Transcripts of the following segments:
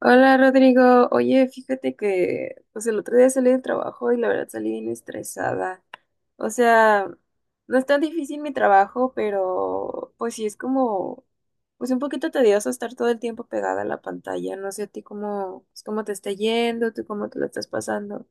Hola Rodrigo, oye, fíjate que pues el otro día salí del trabajo y la verdad salí bien estresada. O sea, no es tan difícil mi trabajo, pero pues sí es como pues un poquito tedioso estar todo el tiempo pegada a la pantalla. No sé a ti cómo, pues, cómo te está yendo, tú cómo te lo estás pasando.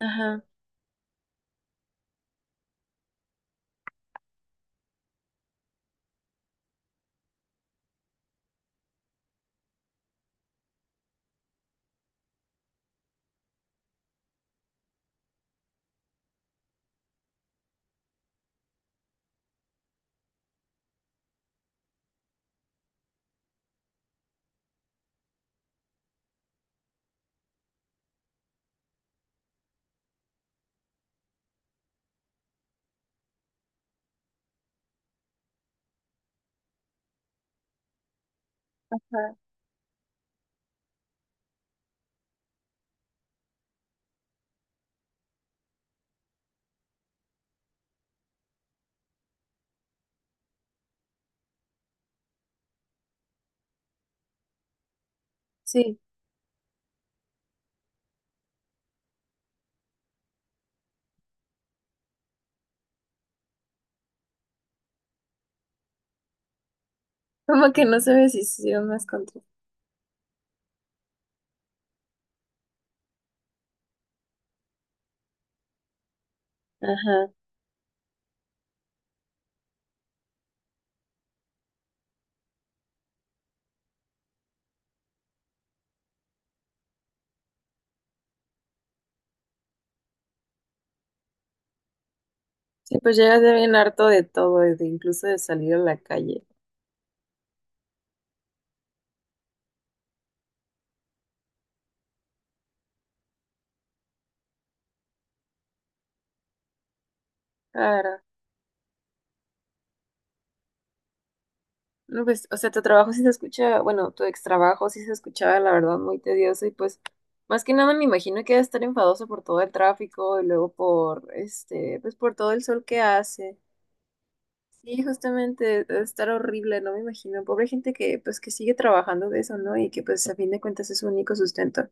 Ajá, ajá, sí. Como que no sabes si sí o más contra. Ajá. Sí, pues llegas ya bien harto de todo, de incluso de salir a la calle. Claro. No, pues, o sea, tu trabajo sí se escucha, bueno, tu ex trabajo sí se escuchaba, la verdad, muy tedioso y pues, más que nada me imagino que debe estar enfadoso por todo el tráfico y luego por, pues por todo el sol que hace. Sí, justamente, debe estar horrible, no me imagino. Pobre gente que, pues, que sigue trabajando de eso, ¿no? Y que, pues, a fin de cuentas es su único sustento.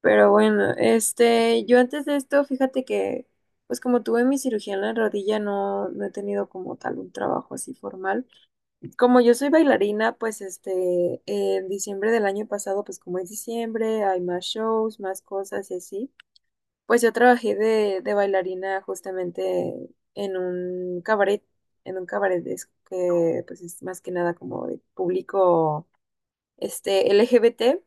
Pero bueno, yo antes de esto, fíjate que, pues, como tuve mi cirugía en la rodilla, no he tenido como tal un trabajo así formal como yo soy bailarina, pues en diciembre del año pasado, pues como es diciembre, hay más shows, más cosas y así, pues yo trabajé de bailarina justamente en un cabaret es que pues es más que nada como de público este LGBT,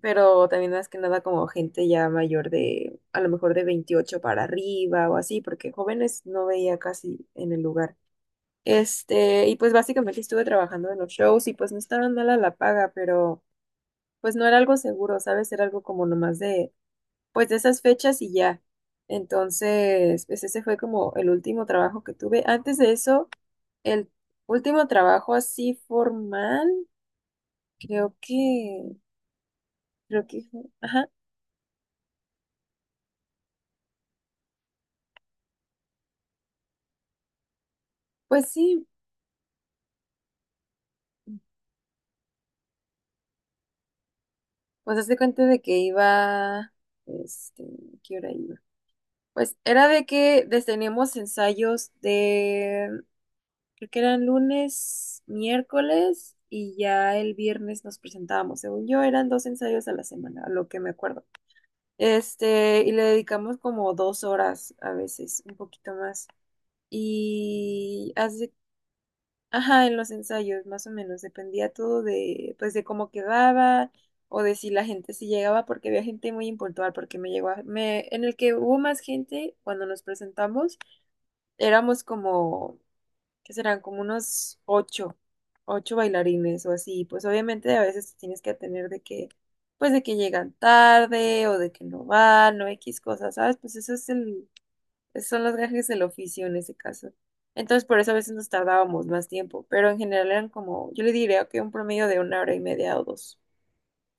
pero también más que nada como gente ya mayor de, a lo mejor de 28 para arriba o así, porque jóvenes no veía casi en el lugar. Y pues básicamente estuve trabajando en los shows y pues no estaba mala la paga, pero pues no era algo seguro, ¿sabes? Era algo como nomás de, pues de esas fechas y ya. Entonces, pues ese fue como el último trabajo que tuve. Antes de eso, el último trabajo así formal, creo que, ajá, pues sí, pues hazte cuenta de que iba, este, ¿qué hora iba? Pues era de que teníamos ensayos de. Creo que eran lunes, miércoles y ya el viernes nos presentábamos. Según yo, eran dos ensayos a la semana, a lo que me acuerdo. Y le dedicamos como dos horas a veces, un poquito más. Y hace, ajá, en los ensayos, más o menos, dependía todo de, pues, de cómo quedaba o de si la gente si llegaba, porque había gente muy impuntual, porque me, en el que hubo más gente cuando nos presentamos, éramos como que serán como unos ocho, ocho bailarines o así. Pues obviamente a veces tienes que atender de que, pues de que llegan tarde o de que no van o X cosas, ¿sabes? Pues esos son los gajes del oficio en ese caso. Entonces por eso a veces nos tardábamos más tiempo, pero en general eran como, yo le diría que un promedio de una hora y media o dos.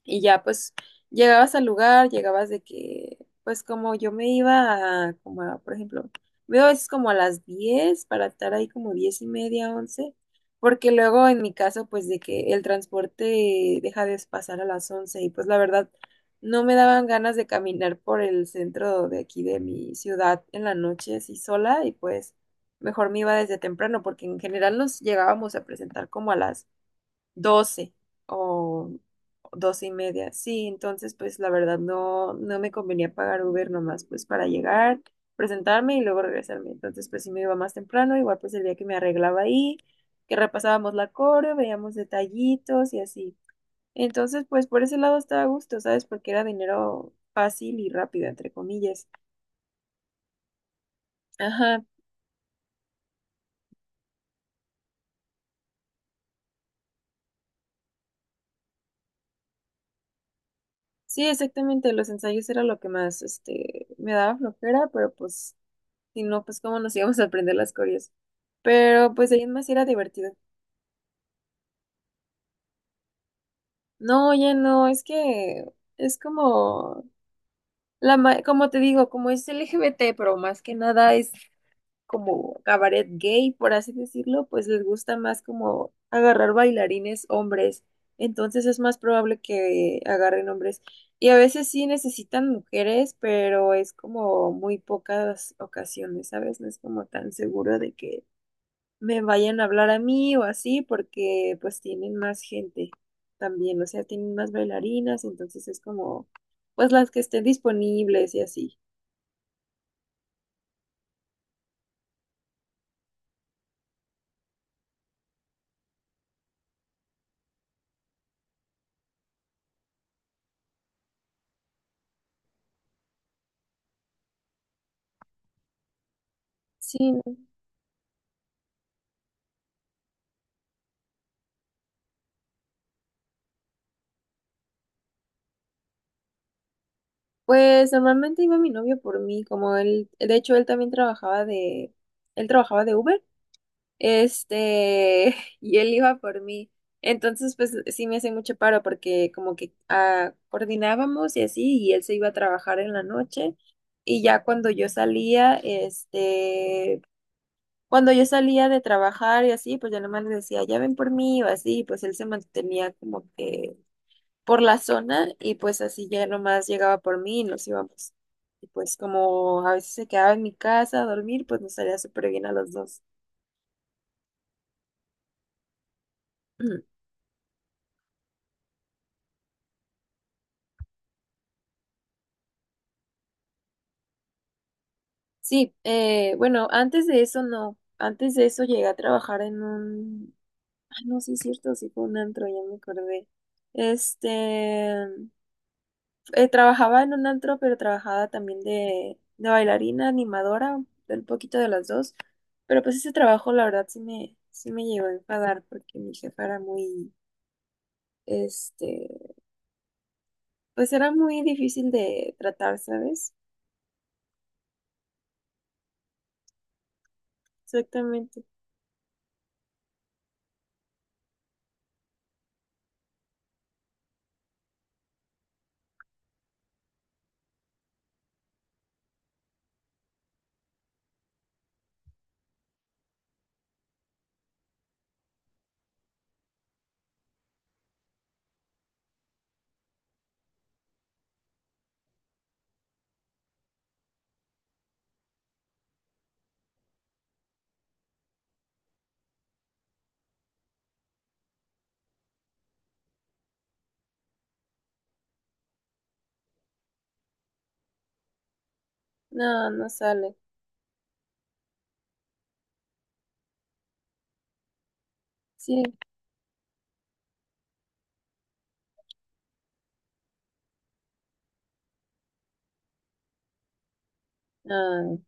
Y ya pues llegabas al lugar, llegabas de que, pues como yo me iba a, como a, por ejemplo, me iba a veces como a las 10 para estar ahí como 10 y media, once, porque luego en mi caso pues de que el transporte deja de pasar a las 11 y pues la verdad no me daban ganas de caminar por el centro de aquí de mi ciudad en la noche así sola y pues mejor me iba desde temprano porque en general nos llegábamos a presentar como a las 12 o 12 y media. Sí, entonces pues la verdad no me convenía pagar Uber nomás pues para llegar, presentarme y luego regresarme. Entonces pues sí me iba más temprano, igual pues el día que me arreglaba ahí, que repasábamos la coreo, veíamos detallitos y así. Entonces pues por ese lado estaba a gusto, ¿sabes? Porque era dinero fácil y rápido, entre comillas. Ajá. Sí, exactamente, los ensayos era lo que más me daba flojera, pero pues, si no, pues cómo nos íbamos a aprender las coreas. Pero pues ahí en más era divertido. No, ya no, es que es como como te digo, como es LGBT, pero más que nada es como cabaret gay, por así decirlo, pues les gusta más como agarrar bailarines hombres. Entonces es más probable que agarren hombres. Y a veces sí necesitan mujeres, pero es como muy pocas ocasiones, ¿sabes? No es como tan seguro de que me vayan a hablar a mí o así, porque pues tienen más gente también, o sea, tienen más bailarinas, entonces es como, pues las que estén disponibles y así. Sí, no, pues normalmente iba mi novio por mí, como él, de hecho él también trabajaba él trabajaba de Uber, este, y él iba por mí. Entonces, pues sí me hacía mucho paro porque como que ah, coordinábamos y así, y él se iba a trabajar en la noche. Y ya cuando yo salía, cuando yo salía de trabajar y así, pues yo nomás le decía, ya ven por mí o así, pues él se mantenía como que por la zona y pues así ya nomás llegaba por mí y nos íbamos. Y pues como a veces se quedaba en mi casa a dormir, pues nos salía súper bien a los dos. Sí, bueno, antes de eso no, antes de eso llegué a trabajar en un, ay no, sí es cierto, sí fue un antro, ya me acordé. Este, trabajaba en un antro, pero trabajaba también de bailarina, animadora, un poquito de las dos. Pero pues ese trabajo, la verdad, sí me llegó a enfadar porque mi jefa era muy, este, pues era muy difícil de tratar, ¿sabes? Exactamente. No, no sale. Sí, no.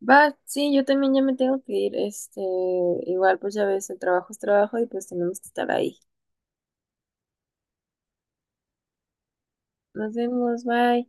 Va, sí, yo también ya me tengo que ir. Igual, pues ya ves, el trabajo es trabajo y pues tenemos que estar ahí. Nos vemos, bye.